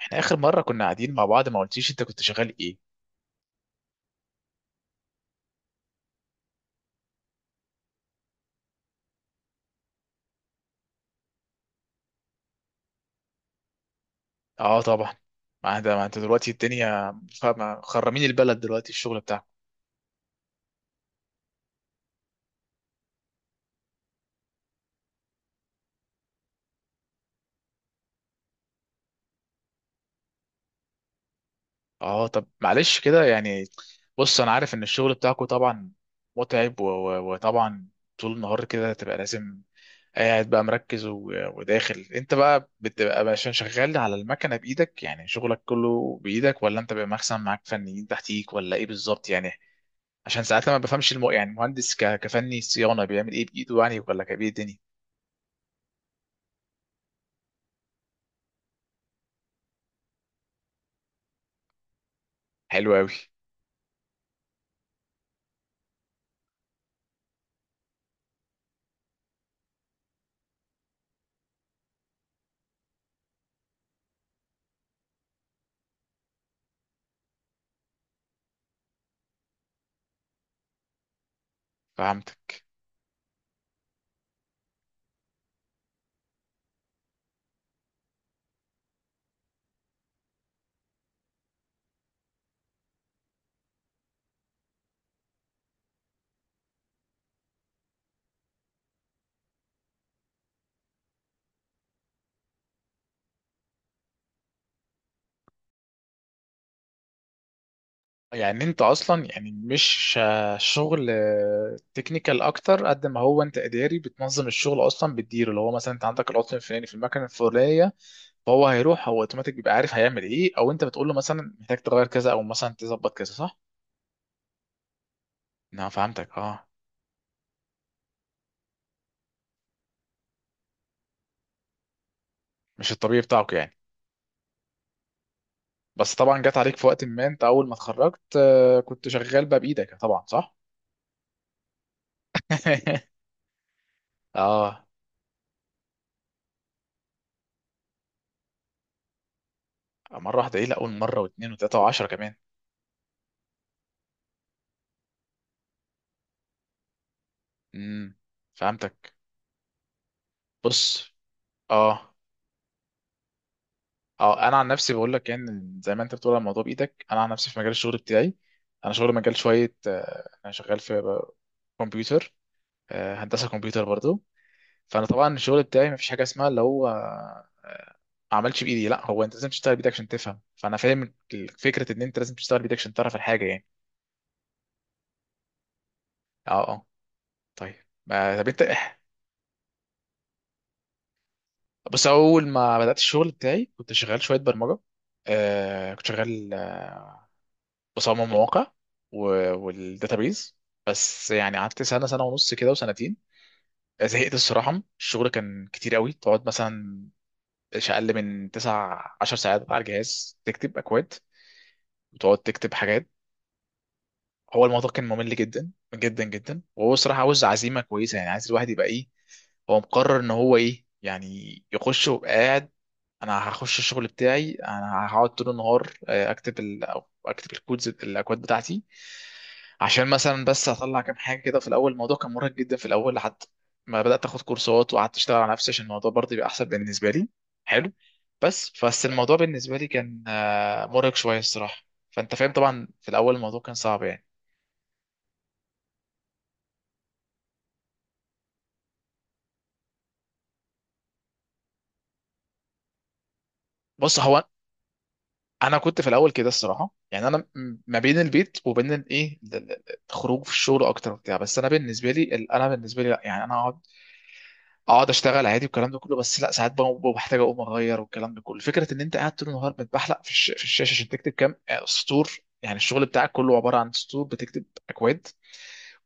احنا اخر مره كنا قاعدين مع بعض ما قلتيش انت كنت شغال ايه؟ اه طبعا. ما انت دلوقتي الدنيا. خرمين البلد دلوقتي الشغل بتاعك. اه طب معلش كده يعني. بص انا عارف ان الشغل بتاعكو طبعا متعب وطبعا طول النهار كده تبقى لازم قاعد بقى مركز وداخل انت بقى بتبقى عشان شغال على المكنه بايدك، يعني شغلك كله بايدك ولا انت بيبقى مثلا معاك فنيين تحتيك ولا ايه بالظبط يعني؟ عشان ساعات لما بفهمش يعني المهندس كفني صيانه بيعمل ايه بايده يعني ولا كبير الدنيا؟ حلو قوي. فهمتك. يعني انت اصلا يعني مش شغل تكنيكال اكتر، قد ما هو انت اداري بتنظم الشغل اصلا بتديره، اللي هو مثلا انت عندك العطل الفلاني في المكنه الفلانيه فهو هيروح هو اوتوماتيك بيبقى عارف هيعمل ايه، او انت بتقول له مثلا محتاج تغير كذا او مثلا تظبط كذا، صح؟ انا فهمتك اه. مش الطبيعي بتاعك يعني. بس طبعا جت عليك في وقت ما انت اول ما اتخرجت، كنت شغال بقى بايدك طبعا صح؟ اه. مرة واحدة ايه؟ لا اقول مرة واتنين وتلاتة وعشرة كمان. امم. فهمتك. بص. اه اه. انا عن نفسي بقول لك يعني، زي ما انت بتقول على الموضوع بايدك، انا عن نفسي في مجال الشغل بتاعي انا شغل مجال شوية، انا شغال في كمبيوتر، هندسة كمبيوتر برضو. فانا طبعا الشغل بتاعي مفيش حاجة اسمها اللي هو ما عملش بايدي. لا، هو انت لازم تشتغل بايدك عشان تفهم. فانا فاهم فكرة ان انت لازم تشتغل بايدك عشان تعرف الحاجة يعني. اه اه. طيب. ما طب انت، بس اول ما بدات الشغل بتاعي كنت شغال شويه برمجه، كنت شغال بصمم مواقع والداتابيز. بس يعني قعدت سنه سنه ونص كده وسنتين. زهقت الصراحه. الشغل كان كتير قوي، تقعد مثلا مش اقل من 9 10 ساعات على الجهاز تكتب اكواد وتقعد تكتب حاجات. هو الموضوع كان ممل جدا جدا جدا، وهو الصراحه عاوز عزيمه كويسه، يعني عايز الواحد يبقى ايه، هو مقرر ان هو ايه يعني يخش وقاعد. انا هخش الشغل بتاعي انا هقعد طول النهار أو اكتب الكودز الاكواد بتاعتي عشان مثلا بس اطلع كام حاجه كده في الاول. الموضوع كان مرهق جدا في الاول لحد ما بدات اخد كورسات وقعدت اشتغل على نفسي عشان الموضوع برضه يبقى احسن بالنسبه لي. حلو. بس الموضوع بالنسبه لي كان مرهق شويه الصراحه. فانت فاهم طبعا في الاول الموضوع كان صعب يعني. بص هو، انا كنت في الاول كده الصراحه، يعني انا ما بين البيت وبين الايه الخروج في الشغل اكتر وبتاع. بس انا بالنسبه لي انا بالنسبه لي لا، يعني انا اقعد اشتغل عادي والكلام ده كله، بس لا ساعات بحتاج اقوم اغير والكلام ده كله. فكره ان انت قاعد طول النهار بتبحلق في الشاشه عشان تكتب كام سطور، يعني الشغل بتاعك كله عباره عن سطور بتكتب اكواد،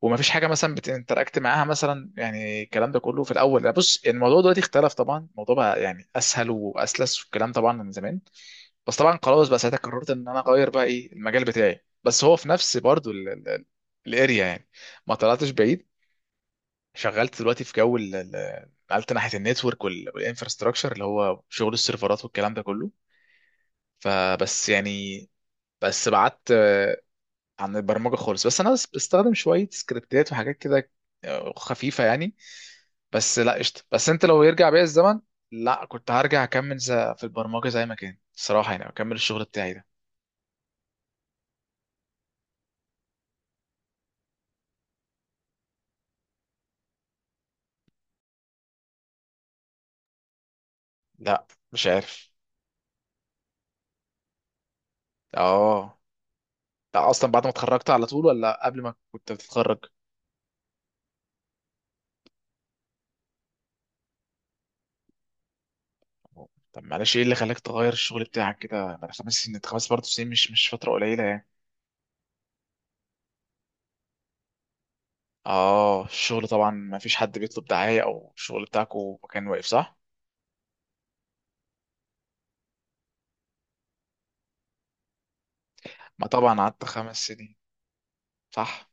وما فيش حاجه مثلا بتنتراكت معاها مثلا، يعني الكلام ده كله في الاول. لا بص، الموضوع دلوقتي اختلف طبعا، الموضوع بقى يعني اسهل واسلس والكلام، طبعا من زمان. بس طبعا خلاص بقى ساعتها قررت ان انا اغير بقى ايه المجال بتاعي، بس هو في نفس برضو الاريا يعني، ما طلعتش بعيد. شغلت دلوقتي في جو نقلت ناحيه النتورك والانفراستراكشر، اللي هو شغل السيرفرات والكلام ده كله. فبس يعني، بس بعدت عن البرمجه خالص، بس انا بس بستخدم شويه سكريبتات وحاجات كده خفيفه يعني. بس لا قشطه. بس انت لو يرجع بيا الزمن، لا كنت هرجع اكمل في البرمجه زي ما كان الصراحه يعني، اكمل الشغل بتاعي ده. لا. مش عارف. اه. ده اصلا بعد ما اتخرجت على طول ولا قبل ما كنت بتتخرج؟ طب معلش، ايه اللي خلاك تغير الشغل بتاعك كده بعد 5 سنين؟ خمس برضه سنين، مش فترة قليلة يعني. اه الشغل طبعا ما فيش حد بيطلب دعاية او الشغل بتاعكو كان واقف، صح؟ ما طبعا قعدت 5 سنين. صح.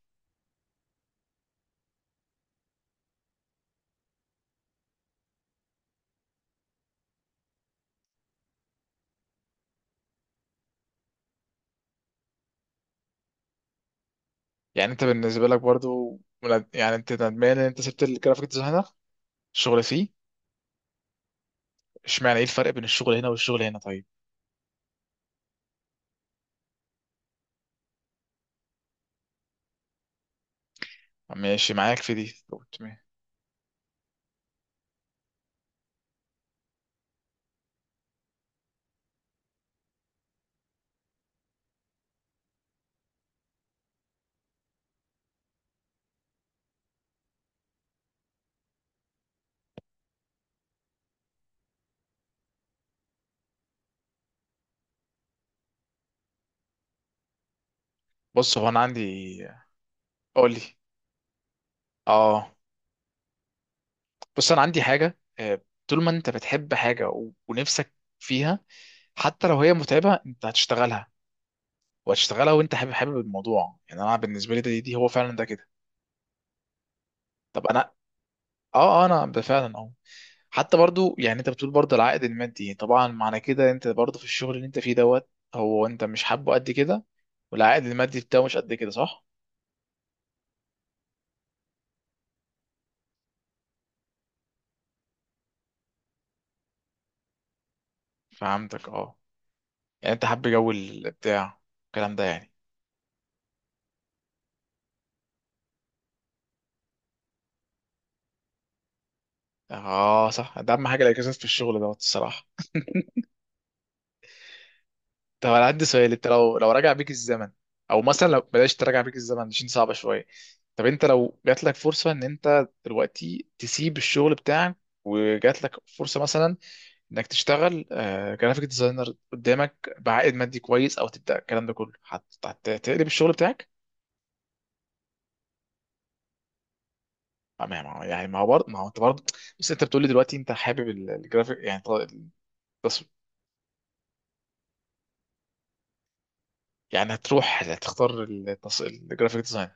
يعني انت بالنسبة لك برضو، يعني انت ندمان ان انت سبت الجرافيك ديزاينر الشغل فيه؟ اشمعنى، ايه الفرق بين الشغل هنا والشغل هنا طيب؟ ماشي معاك في دي، طب تمام. بص هو انا عندي، قول لي. اه. بص انا عندي حاجه، طول ما انت بتحب حاجه ونفسك فيها، حتى لو هي متعبه انت هتشتغلها وهتشتغلها، وانت حابب حابب الموضوع يعني. انا بالنسبه لي ده، دي هو فعلا ده كده. طب انا اه، انا فعلا اه، حتى برضو يعني انت بتقول برضو العائد المادي. طبعا معنى كده انت برضو في الشغل اللي انت فيه دوت، هو انت مش حابه قد كده والعائد المادي بتاعه مش قد كده، صح؟ فهمتك اه. يعني انت حابب جو البتاع الكلام ده يعني. اه صح، ده اهم حاجه الاجازات في الشغل دوت الصراحه. طب انا عندي سؤال، انت لو راجع بيك الزمن، او مثلا لو بلاش تراجع بيك الزمن عشان صعبه شويه، طب انت لو جات لك فرصه ان انت دلوقتي تسيب الشغل بتاعك، وجات لك فرصه مثلا انك تشتغل جرافيك ديزاينر قدامك بعائد مادي كويس، او تبدا الكلام ده كله، هتقلب الشغل بتاعك؟ يعني ما هو برضه، ما هو انت برضه بس انت بتقولي دلوقتي انت حابب الجرافيك يعني، التصوير، يعني هتروح هتختار الجرافيك ديزاينر؟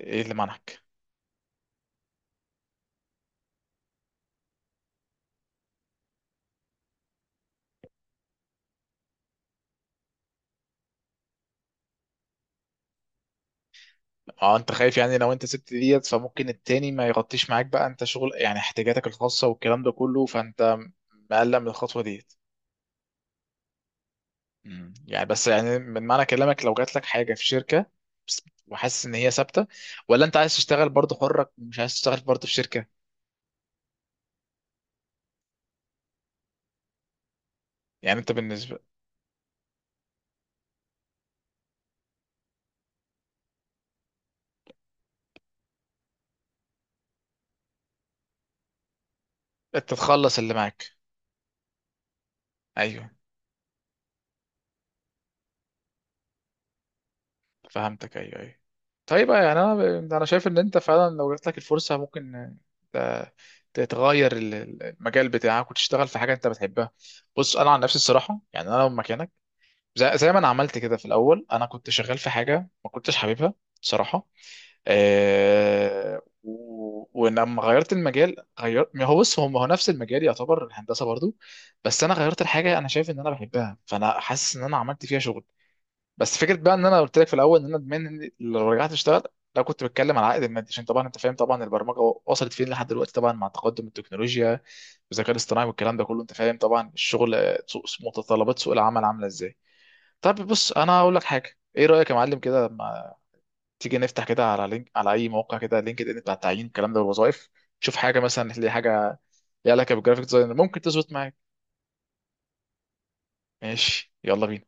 ايه اللي منعك؟ اه انت خايف يعني لو انت سبت ديت فممكن التاني ما يغطيش معاك بقى، انت شغل يعني احتياجاتك الخاصة والكلام ده كله، فانت مقلق من الخطوة ديت؟ يعني بس يعني من معنى كلامك لو جات لك حاجة في شركة، وحاسس ان هي ثابتة، ولا انت عايز تشتغل برضه حرك، مش عايز تشتغل برضه في شركة؟ يعني انت بالنسبة، انت تخلص اللي معاك. ايوه. فهمتك ايوه ايوه. طيب يعني انا شايف ان انت فعلا لو جات لك الفرصه ممكن ت- تتغير المجال بتاعك وتشتغل في حاجه انت بتحبها. بص انا عن نفسي الصراحه يعني انا لو مكانك، زي ما انا عملت كده في الاول، انا كنت شغال في حاجه ما كنتش حاببها بصراحه. أه، ولما غيرت المجال، غير ما هو، بص، هو نفس المجال يعتبر الهندسه برضو، بس انا غيرت الحاجه انا شايف ان انا بحبها، فانا حاسس ان انا عملت فيها شغل. بس فكره بقى ان انا قلت لك في الاول ان انا ادمان لو رجعت اشتغل، لو كنت بتكلم على العائد المادي، عشان طبعا انت فاهم طبعا البرمجه وصلت فين لحد دلوقتي، طبعا مع تقدم التكنولوجيا والذكاء الاصطناعي والكلام ده كله، انت فاهم طبعا الشغل، متطلبات سوق العمل عامله ازاي. طب بص انا هقول لك حاجه، ايه رايك يا معلم كده؟ ما تيجي نفتح كده على لينك، على اي موقع كده لينكد ان بتاع التعيين الكلام ده والوظائف، شوف حاجه مثلا، تلاقي حاجه ليها علاقه بالجرافيك ديزاينر ممكن تظبط معاك. ماشي يلا بينا.